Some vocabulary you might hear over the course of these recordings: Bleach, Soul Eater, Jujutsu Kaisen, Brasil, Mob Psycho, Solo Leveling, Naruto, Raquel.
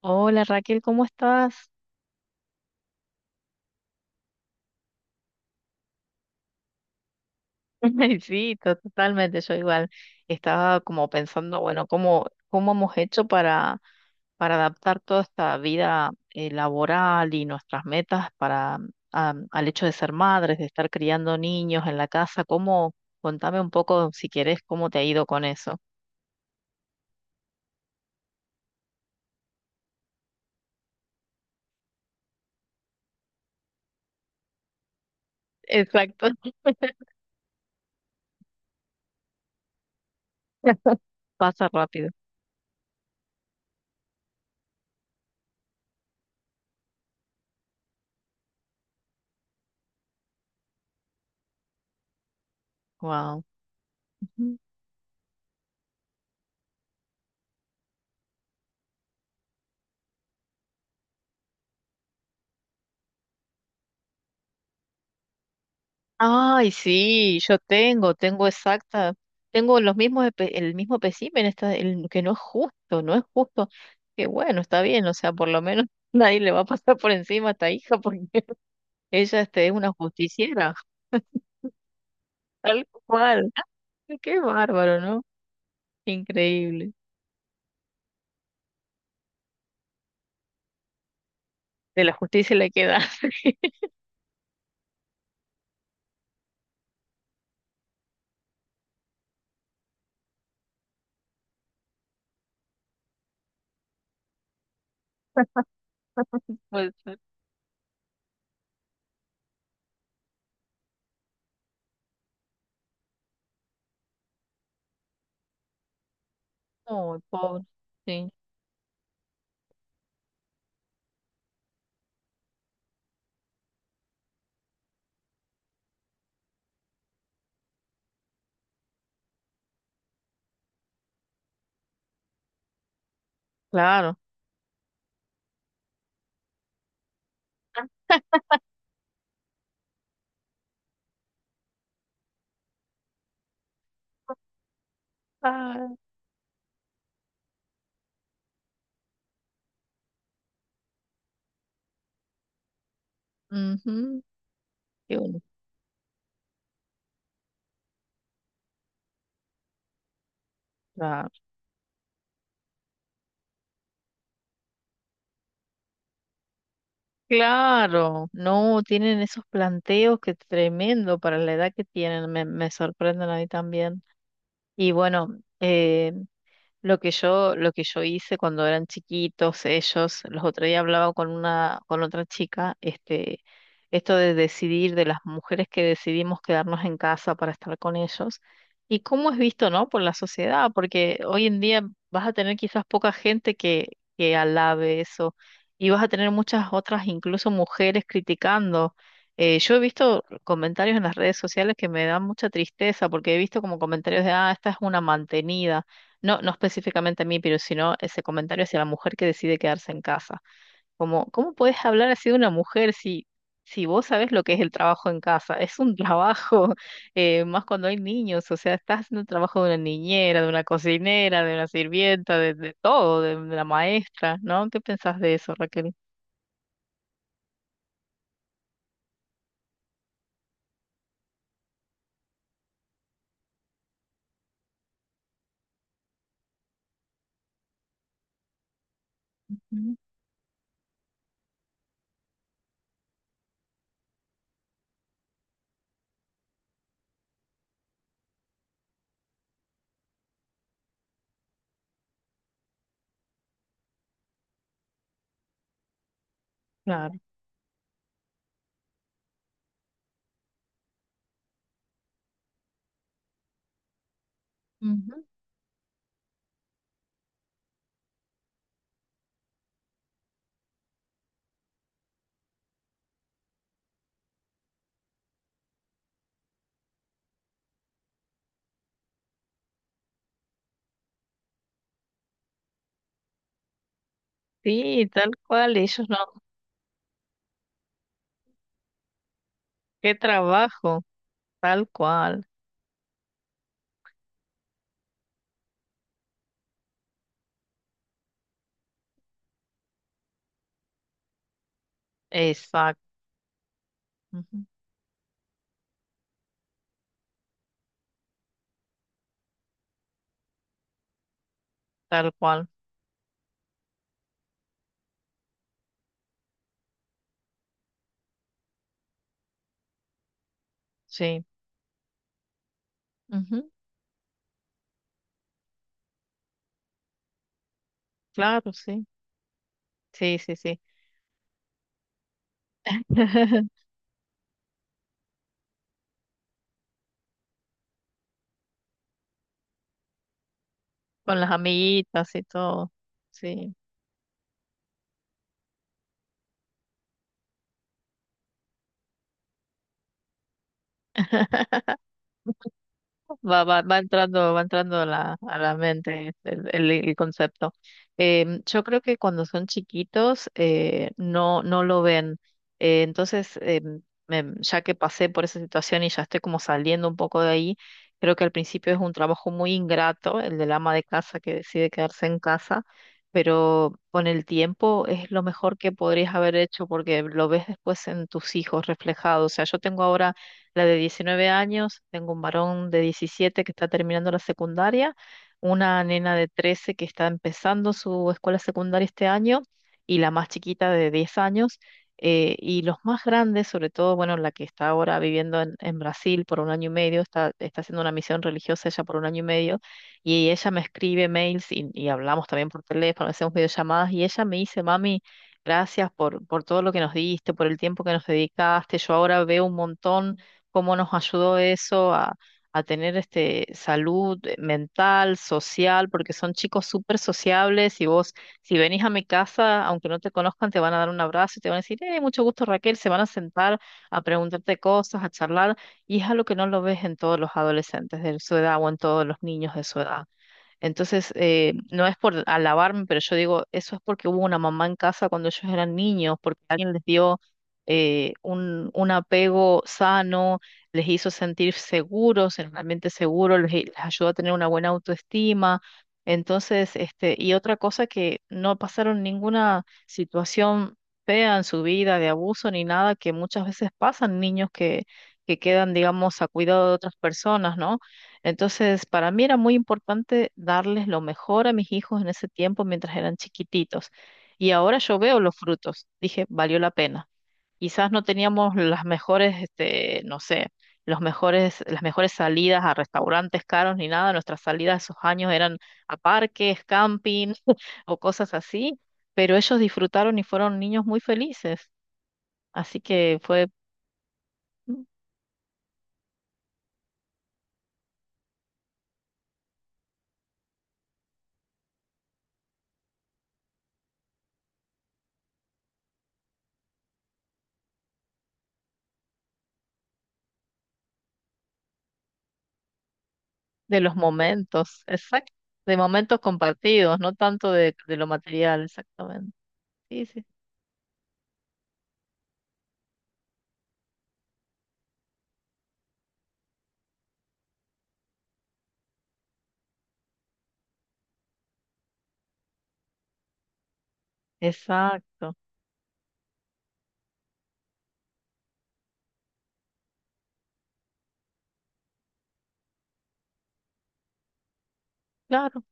Hola Raquel, ¿cómo estás? Sí, totalmente, yo igual estaba como pensando, bueno, ¿cómo hemos hecho para adaptar toda esta vida laboral y nuestras metas para, al hecho de ser madres, de estar criando niños en la casa? ¿Cómo? Contame un poco, si querés, cómo te ha ido con eso. Exacto. Pasa rápido. Wow. Ay, sí, tengo exacta, tengo los mismos, el mismo espécimen, está, el, que no es justo, no es justo, que bueno, está bien, o sea, por lo menos nadie le va a pasar por encima a esta hija porque ella este, es una justiciera, tal cual. Qué bárbaro, ¿no? Increíble, de la justicia le queda. Pues, no, pobre, sí, claro, ah, ujú, qué bueno. Ah. Claro, no, tienen esos planteos que tremendo para la edad que tienen, me sorprenden a mí también. Y bueno, eh, lo que yo hice cuando eran chiquitos, ellos, los otros días hablaba con una, con otra chica, este, esto de decidir, de las mujeres que decidimos quedarnos en casa para estar con ellos, y cómo es visto, ¿no?, por la sociedad, porque hoy en día vas a tener quizás poca gente que alabe eso, y vas a tener muchas otras, incluso mujeres criticando. Yo he visto comentarios en las redes sociales que me dan mucha tristeza, porque he visto como comentarios de, ah, esta es una mantenida. No, no específicamente a mí, pero sino ese comentario hacia la mujer que decide quedarse en casa. Como, ¿cómo puedes hablar así de una mujer si, si vos sabés lo que es el trabajo en casa? Es un trabajo, más cuando hay niños, o sea, estás haciendo el trabajo de una niñera, de una cocinera, de una sirvienta, de todo, de la maestra, ¿no? ¿Qué pensás de eso, Raquel? Mm. Claro. Ujú. Sí, tal cual, ellos no, qué trabajo, tal cual, exacto, ujú. Tal cual, sí, ujú. Claro, sí. Sí, sí, sí. Con las amiguitas y todo. Sí. Va, va, va entrando a la mente el, el concepto. Yo creo que cuando son chiquitos no, no lo ven. Entonces, ya que pasé por esa situación y ya estoy como saliendo un poco de ahí, creo que al principio es un trabajo muy ingrato, el del ama de casa que decide quedarse en casa, pero con el tiempo es lo mejor que podrías haber hecho porque lo ves después en tus hijos reflejado. O sea, yo tengo ahora la de 19 años, tengo un varón de 17 que está terminando la secundaria, una nena de 13 que está empezando su escuela secundaria este año y la más chiquita de 10 años. Y los más grandes, sobre todo, bueno, la que está ahora viviendo en Brasil por un año y medio, está, está haciendo una misión religiosa ella por un año y medio, y ella me escribe mails y hablamos también por teléfono, hacemos videollamadas, y ella me dice, mami, gracias por todo lo que nos diste, por el tiempo que nos dedicaste, yo ahora veo un montón cómo nos ayudó eso a tener este salud mental, social, porque son chicos súper sociables y vos, si venís a mi casa, aunque no te conozcan, te van a dar un abrazo y te van a decir, mucho gusto Raquel, se van a sentar a preguntarte cosas, a charlar, y es algo que no lo ves en todos los adolescentes de su edad o en todos los niños de su edad. Entonces, no es por alabarme, pero yo digo, eso es porque hubo una mamá en casa cuando ellos eran niños, porque alguien les dio un apego sano, les hizo sentir seguros, en un ambiente seguro, les ayudó a tener una buena autoestima. Entonces, este, y otra cosa que no pasaron ninguna situación fea en su vida, de abuso ni nada, que muchas veces pasan niños que quedan, digamos, a cuidado de otras personas, ¿no? Entonces, para mí era muy importante darles lo mejor a mis hijos en ese tiempo mientras eran chiquititos. Y ahora yo veo los frutos. Dije, valió la pena. Quizás no teníamos las mejores, este, no sé, los mejores, las mejores salidas a restaurantes caros ni nada. Nuestras salidas esos años eran a parques, camping o cosas así. Pero ellos disfrutaron y fueron niños muy felices. Así que fue mm, de los momentos, exacto, de momentos compartidos, no tanto de lo material, exactamente. Sí, sí, exacto, claro.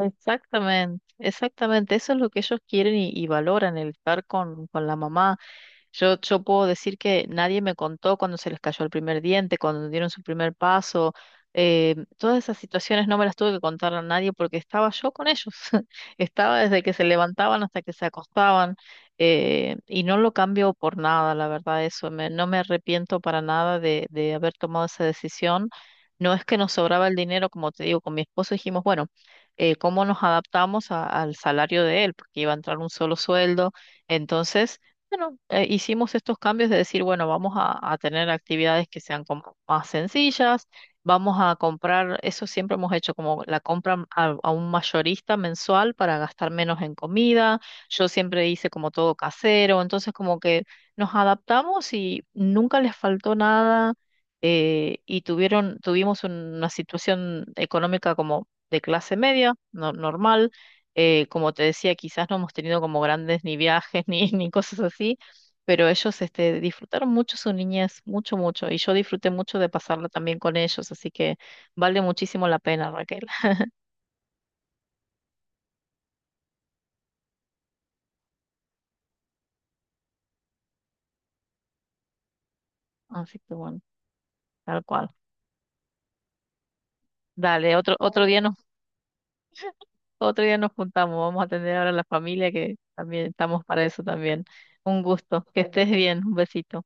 Exactamente, exactamente. Eso es lo que ellos quieren y valoran, el estar con la mamá. Yo puedo decir que nadie me contó cuando se les cayó el primer diente, cuando dieron su primer paso. Todas esas situaciones no me las tuve que contar a nadie porque estaba yo con ellos. Estaba desde que se levantaban hasta que se acostaban. Y no lo cambio por nada, la verdad, eso. No me arrepiento para nada de, de haber tomado esa decisión. No es que nos sobraba el dinero, como te digo, con mi esposo dijimos, bueno, cómo nos adaptamos al salario de él, porque iba a entrar un solo sueldo. Entonces, bueno, hicimos estos cambios de decir, bueno, vamos a tener actividades que sean como más sencillas, vamos a comprar, eso siempre hemos hecho, como la compra a un mayorista mensual para gastar menos en comida. Yo siempre hice como todo casero, entonces como que nos adaptamos y nunca les faltó nada. Y tuvieron, tuvimos una situación económica como de clase media, normal. Como te decía, quizás no hemos tenido como grandes ni viajes ni, ni cosas así, pero ellos este, disfrutaron mucho su niñez, mucho, mucho, y yo disfruté mucho de pasarla también con ellos, así que vale muchísimo la pena, Raquel. Así que bueno, tal cual. Dale, otro, otro día nos juntamos, vamos a atender ahora a la familia que también estamos para eso también. Un gusto, que estés bien, un besito.